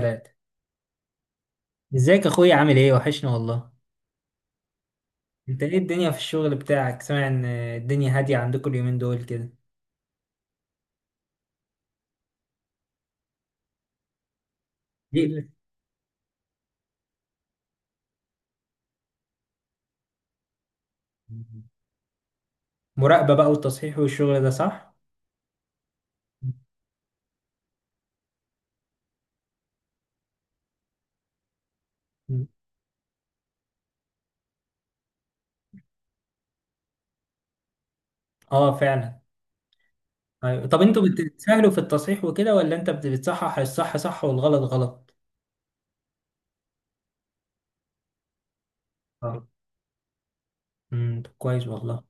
ثلاثة. ازيك اخويا، عامل ايه؟ وحشنا والله. انت ايه الدنيا في الشغل بتاعك؟ سامع ان الدنيا هادية عندكم اليومين دول كده. ليه؟ ال- مراقبة بقى والتصحيح والشغل ده، صح؟ مم. اه فعلا. أيوة. طب انتوا بتسهلوا في التصحيح وكده، ولا انت بتصحح الصح صح والغلط غلط؟ اه. طب كويس والله.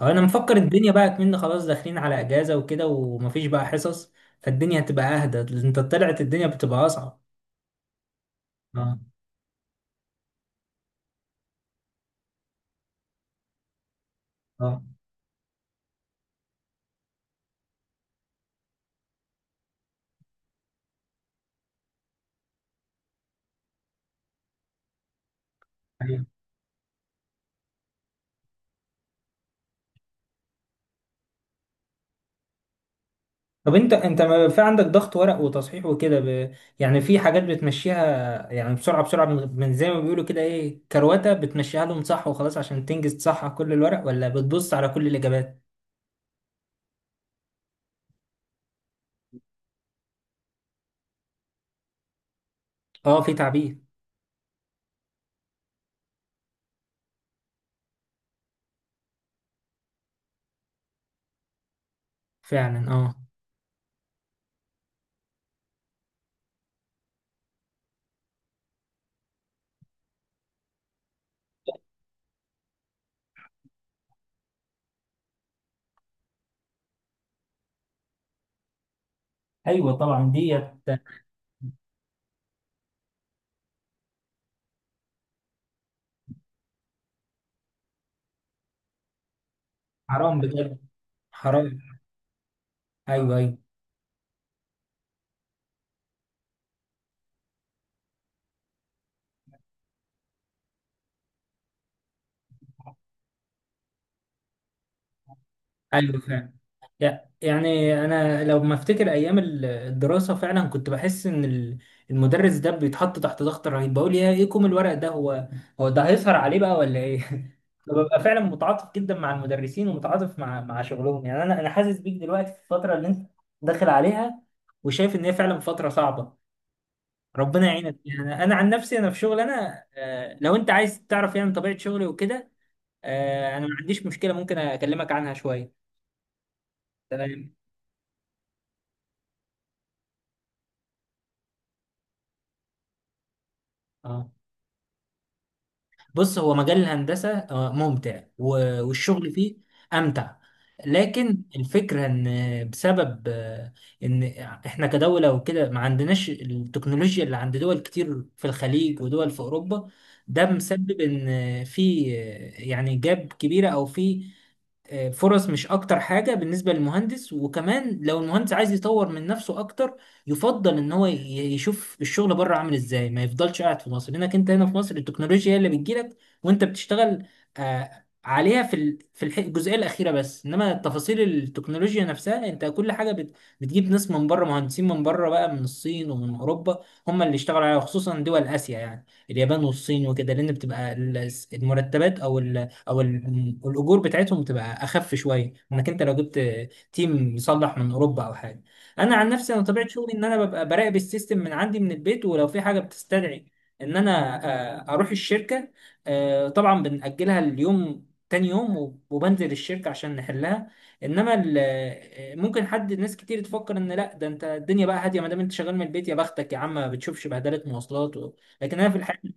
اه انا مفكر الدنيا بقى كمان خلاص داخلين على اجازة وكده، ومفيش بقى حصص، فالدنيا هتبقى اهدى. انت طلعت الدنيا بتبقى اصعب. اه. اه طب انت ما في عندك ضغط ورق وتصحيح وكده يعني في حاجات بتمشيها، يعني بسرعه بسرعه من زي ما بيقولوا كده ايه، كروته، بتمشيها لهم صح وخلاص عشان تنجز تصحح كل الورق، ولا بتبص على كل الاجابات؟ اه في تعبير. فعلا اه. ايوه طبعا ديت. حرام بجد، حرام. ايوه ايوه ايوه فعلا. لا يعني انا لو ما افتكر ايام الدراسه، فعلا كنت بحس ان المدرس ده بيتحط تحت ضغط رهيب، بقول يا ايه كوم الورق ده، هو ده هيسهر عليه بقى ولا ايه؟ فببقى فعلا متعاطف جدا مع المدرسين ومتعاطف مع شغلهم، يعني انا حاسس بيك دلوقتي في الفتره اللي انت داخل عليها، وشايف ان هي فعلا فتره صعبه. ربنا يعينك. يعني انا عن نفسي انا في شغل، انا لو انت عايز تعرف يعني طبيعه شغلي وكده، انا ما عنديش مشكله، ممكن اكلمك عنها شويه. تمام اه. بص هو مجال الهندسة ممتع والشغل فيه أمتع. لكن الفكرة إن بسبب إن إحنا كدولة وكده ما عندناش التكنولوجيا اللي عند دول كتير في الخليج ودول في أوروبا، ده مسبب إن في يعني جاب كبيرة أو في فرص، مش اكتر حاجة بالنسبة للمهندس. وكمان لو المهندس عايز يطور من نفسه اكتر، يفضل ان يشوف الشغل بره عامل ازاي، ما يفضلش قاعد في مصر، لانك انت هنا في مصر التكنولوجيا هي اللي بتجيلك وانت بتشتغل عليها في الجزئية الأخيرة بس. إنما تفاصيل التكنولوجيا نفسها، أنت كل حاجة بتجيب ناس من بره، مهندسين من بره بقى، من الصين ومن أوروبا، هم اللي اشتغلوا عليها، خصوصا دول آسيا يعني اليابان والصين وكده، لأن بتبقى المرتبات أو او الاجور بتاعتهم تبقى اخف شويه، انك انت لو جبت تيم مصلح من اوروبا او حاجه. انا عن نفسي انا طبيعه شغلي ان ببقى براقب السيستم من عندي من البيت، ولو في حاجه بتستدعي ان انا اروح الشركه، طبعا بنأجلها اليوم تاني يوم، وبنزل الشركه عشان نحلها. انما ممكن حد، ناس كتير تفكر ان لا ده انت الدنيا بقى هاديه ما دام انت شغال من البيت، يا بختك يا عم، ما بتشوفش بهدله مواصلات لكن انا في الحقيقه،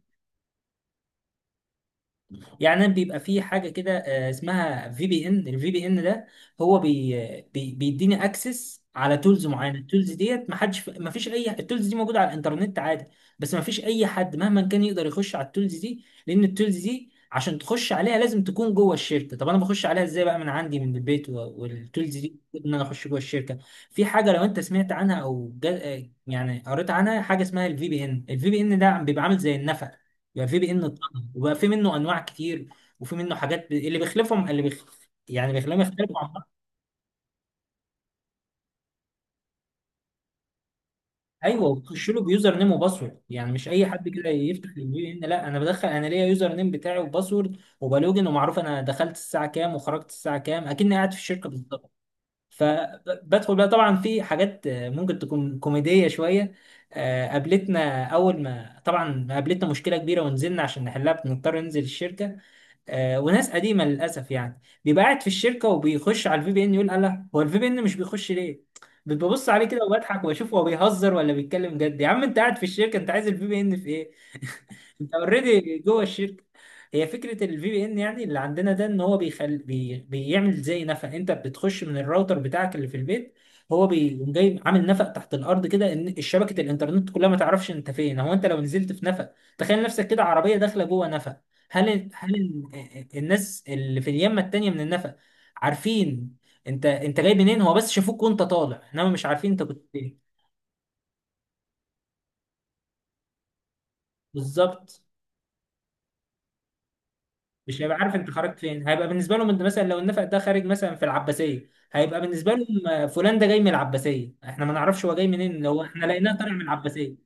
يعني بيبقى في حاجه كده اسمها في بي ان. الفي بي ان ده هو بي بي بيديني اكسس على تولز معينه. التولز ديت ما حدش، ما فيش اي، التولز دي موجوده على الانترنت عادي، بس ما فيش اي حد مهما كان يقدر يخش على التولز دي، لان التولز دي عشان تخش عليها لازم تكون جوه الشركه. طب انا بخش عليها ازاي بقى من عندي من البيت والتولز دي ان انا اخش جوه الشركه؟ في حاجه لو انت سمعت عنها او يعني قريت عنها، حاجه اسمها الفي بي ان. الفي بي ان ده بيبقى عامل زي النفق، يعني في بي ان اتطرد وبقى في منه انواع كتير، وفي منه حاجات ب... اللي بيخلفهم اللي بيخ... يعني بيخليهم يختلفوا عن بعض. ايوه، وتخش له بيوزر نيم وباسورد، يعني مش اي حد كده يفتح البي ان، لا، انا بدخل، انا ليا يوزر نيم بتاعي وباسورد وبلوجن، ومعروف انا دخلت الساعه كام وخرجت الساعه كام، اكني قاعد في الشركه بالظبط. فبدخل بقى. طبعا في حاجات ممكن تكون كوميديه شويه، قابلتنا اول ما طبعا قابلتنا مشكله كبيره ونزلنا عشان نحلها، بنضطر ننزل الشركه، وناس قديمه للاسف يعني بيبقى قاعد في الشركه وبيخش على الفي بي ان، يقول الله، هو الفي بي ان مش بيخش ليه؟ ببص عليه كده وبضحك، واشوف هو بيهزر ولا بيتكلم جد، يا عم انت قاعد في الشركه، انت عايز الفي بي ان في ايه؟ انت اوريدي جوه الشركه. هي فكره الفي بي ان يعني اللي عندنا ده، ان هو بيعمل زي نفق، انت بتخش من الراوتر بتاعك اللي في البيت، هو بيقوم جاي عامل نفق تحت الارض كده، ان شبكه الانترنت كلها ما تعرفش انت فين. هو انت لو نزلت في نفق، تخيل نفسك كده عربيه داخله جوه نفق، هل الناس اللي في اليمه التانيه من النفق عارفين انت جاي منين؟ هو بس شافوك وانت طالع، انما مش عارفين انت كنت فين بالظبط. مش هيبقى عارف انت خرجت فين، هيبقى بالنسبه لهم انت، مثلا لو النفق ده خارج مثلا في العباسيه، هيبقى بالنسبه لهم فلان ده جاي من العباسيه، احنا ما نعرفش هو جاي منين، لو احنا لقيناه طالع من العباسيه.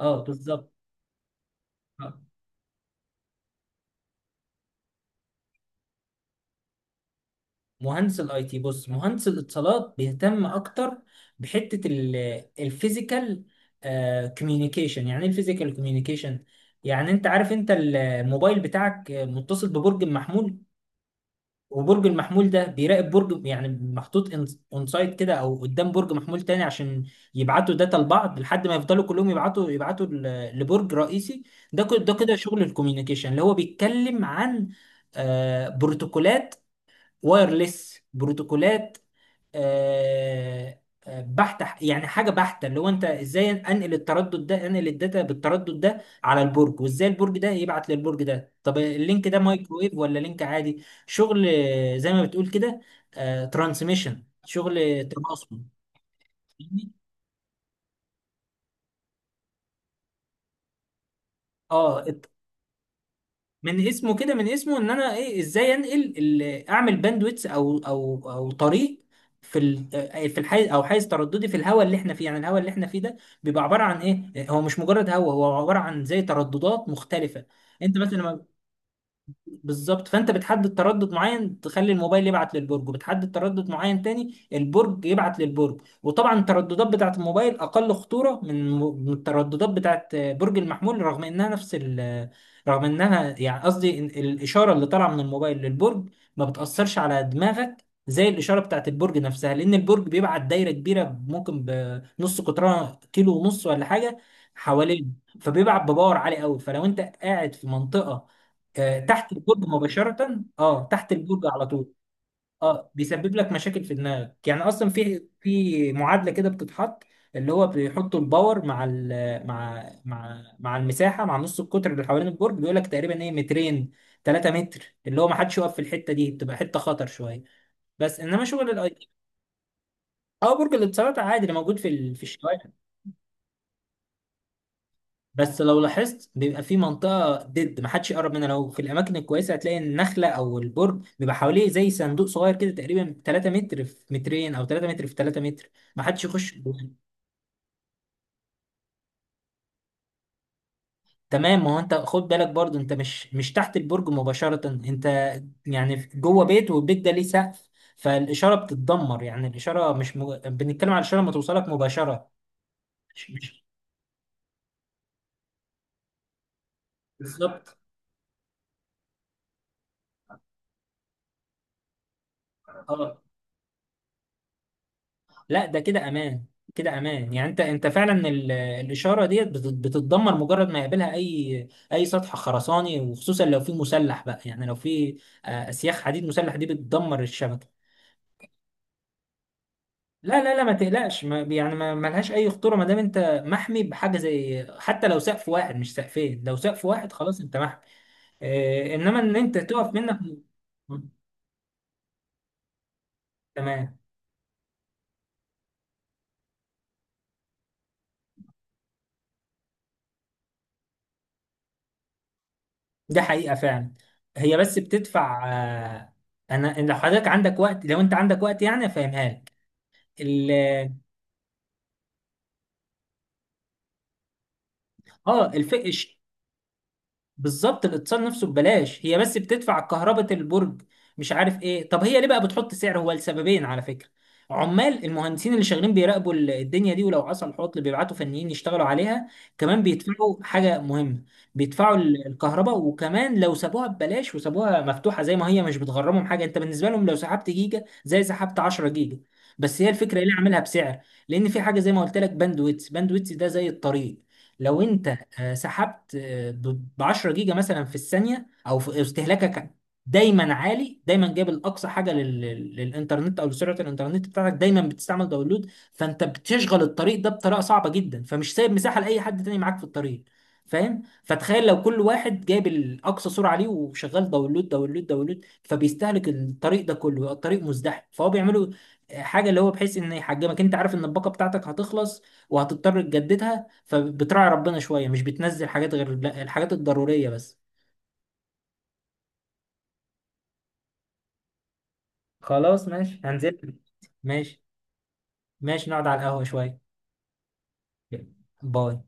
اه بالظبط. مهندس الاي تي، بص، مهندس الاتصالات بيهتم اكتر بحته الفيزيكال كوميونيكيشن. يعني ايه الفيزيكال كوميونيكيشن؟ يعني انت عارف انت الموبايل بتاعك متصل ببرج محمول، وبرج المحمول ده بيراقب برج، يعني محطوط اون سايد كده او قدام برج محمول تاني، عشان يبعتوا داتا لبعض لحد ما يفضلوا كلهم يبعتوا، يبعتوا لبرج رئيسي. ده كده ده كده شغل الكوميونيكيشن، اللي هو بيتكلم عن بروتوكولات، وايرلس بروتوكولات، آه، بحتة، يعني حاجة بحتة، اللي هو انت ازاي انقل التردد ده، انقل الداتا بالتردد ده على البرج، وازاي البرج ده يبعت للبرج ده، طب اللينك ده مايكرويف ولا لينك عادي، شغل زي ما بتقول كده ترانسميشن، شغل تباصم. فاهمني؟ اه. من اسمه كده، من اسمه ان انا ايه، ازاي اعمل باندويتس او او طريق في الحيز، او حيز ترددي في الهواء اللي احنا فيه. يعني الهواء اللي احنا فيه ده بيبقى عباره عن ايه، هو مش مجرد هواء، هو عباره عن زي ترددات مختلفه. انت مثلا لما، بالظبط، فانت بتحدد تردد معين تخلي الموبايل يبعت للبرج، وبتحدد تردد معين تاني البرج يبعت للبرج. وطبعا الترددات بتاعت الموبايل اقل خطورة من من الترددات بتاعت برج المحمول، رغم انها نفس ال، رغم انها، يعني قصدي إن الاشارة اللي طالعة من الموبايل للبرج ما بتأثرش على دماغك زي الإشارة بتاعت البرج نفسها، لأن البرج بيبعت دايرة كبيرة ممكن بنص قطرها كيلو ونص ولا حاجة حوالين، فبيبعت بباور عالي قوي. فلو أنت قاعد في منطقة تحت البرج مباشرة، اه تحت البرج على طول، اه بيسبب لك مشاكل في دماغك. يعني اصلا في في معادلة كده بتتحط، اللي هو بيحطوا الباور مع ال، مع مع المساحة، مع نص القطر اللي حوالين البرج، بيقول لك تقريبا ايه، مترين، 3 متر، اللي هو ما حدش يقف في الحتة دي، بتبقى حتة خطر شوية. بس انما شغل الاي تي، اه، برج الاتصالات عادي اللي موجود في في الشوارع. بس لو لاحظت بيبقى في منطقة ضد محدش يقرب منها، لو في الأماكن الكويسة هتلاقي النخلة أو البرج بيبقى حواليه زي صندوق صغير كده، تقريبا 3 متر في مترين أو 3 متر في 3 متر، محدش يخش جواه. تمام. ما هو أنت خد بالك برضو، أنت مش مش تحت البرج مباشرة، أنت يعني جوه بيت، والبيت ده ليه سقف، فالإشارة بتتدمر. يعني الإشارة مش مج... بنتكلم على الإشارة ما توصلك مباشرة، مش مش بالظبط. اه. لا ده كده امان. كده امان، يعني انت انت فعلا الاشاره ديت بتتدمر مجرد ما يقابلها اي اي سطح خرساني، وخصوصا لو في مسلح بقى، يعني لو في اسياخ حديد مسلح دي بتدمر الشبكه. لا لا لا ما تقلقش، ما يعني ما ما لهاش اي خطوره ما دام انت محمي بحاجه، زي حتى لو سقف واحد مش سقفين، لو سقف واحد خلاص انت محمي. انما ان انت تقف منك، تمام. ده حقيقة فعلا. هي بس بتدفع انا، إن لو حضرتك عندك وقت، لو انت عندك وقت يعني افهمها لك ال- اه. الفقش، بالظبط، الاتصال نفسه ببلاش، هي بس بتدفع كهرباء البرج، مش عارف ايه. طب هي ليه بقى بتحط سعر؟ هو لسببين على فكرة: عمال المهندسين اللي شغالين بيراقبوا الدنيا دي، ولو حصل عطل بيبعتوا فنيين يشتغلوا عليها، كمان بيدفعوا حاجة مهمة، بيدفعوا الكهرباء. وكمان لو سابوها ببلاش وسابوها مفتوحة زي ما هي، مش بتغرمهم حاجة، انت بالنسبة لهم لو سحبت جيجا زي سحبت 10 جيجا. بس هي الفكرة ايه اللي عاملها بسعر، لان في حاجة زي ما قلت لك، باندويتس، باندويتس ده زي الطريق، لو انت سحبت ب 10 جيجا مثلا في الثانيه، او في استهلاكك دايما عالي، دايما جايب الاقصى حاجه للانترنت او لسرعه الانترنت بتاعتك، دايما بتستعمل داونلود، فانت بتشغل الطريق ده بطريقه صعبه جدا، فمش سايب مساحه لاي حد تاني معاك في الطريق. فاهم؟ فتخيل لو كل واحد جايب الاقصى سرعه ليه وشغال داونلود داونلود داونلود، فبيستهلك الطريق ده كله، يبقى الطريق مزدحم، فهو بيعملوا حاجه اللي هو بحيث ان يحجمك، انت عارف ان الباقه بتاعتك هتخلص وهتضطر تجددها، فبتراعي ربنا شوية، مش بتنزل حاجات غير لا، الحاجات الضرورية بس. خلاص ماشي هنزل. ماشي. ماشي نقعد على القهوة شوية. باي.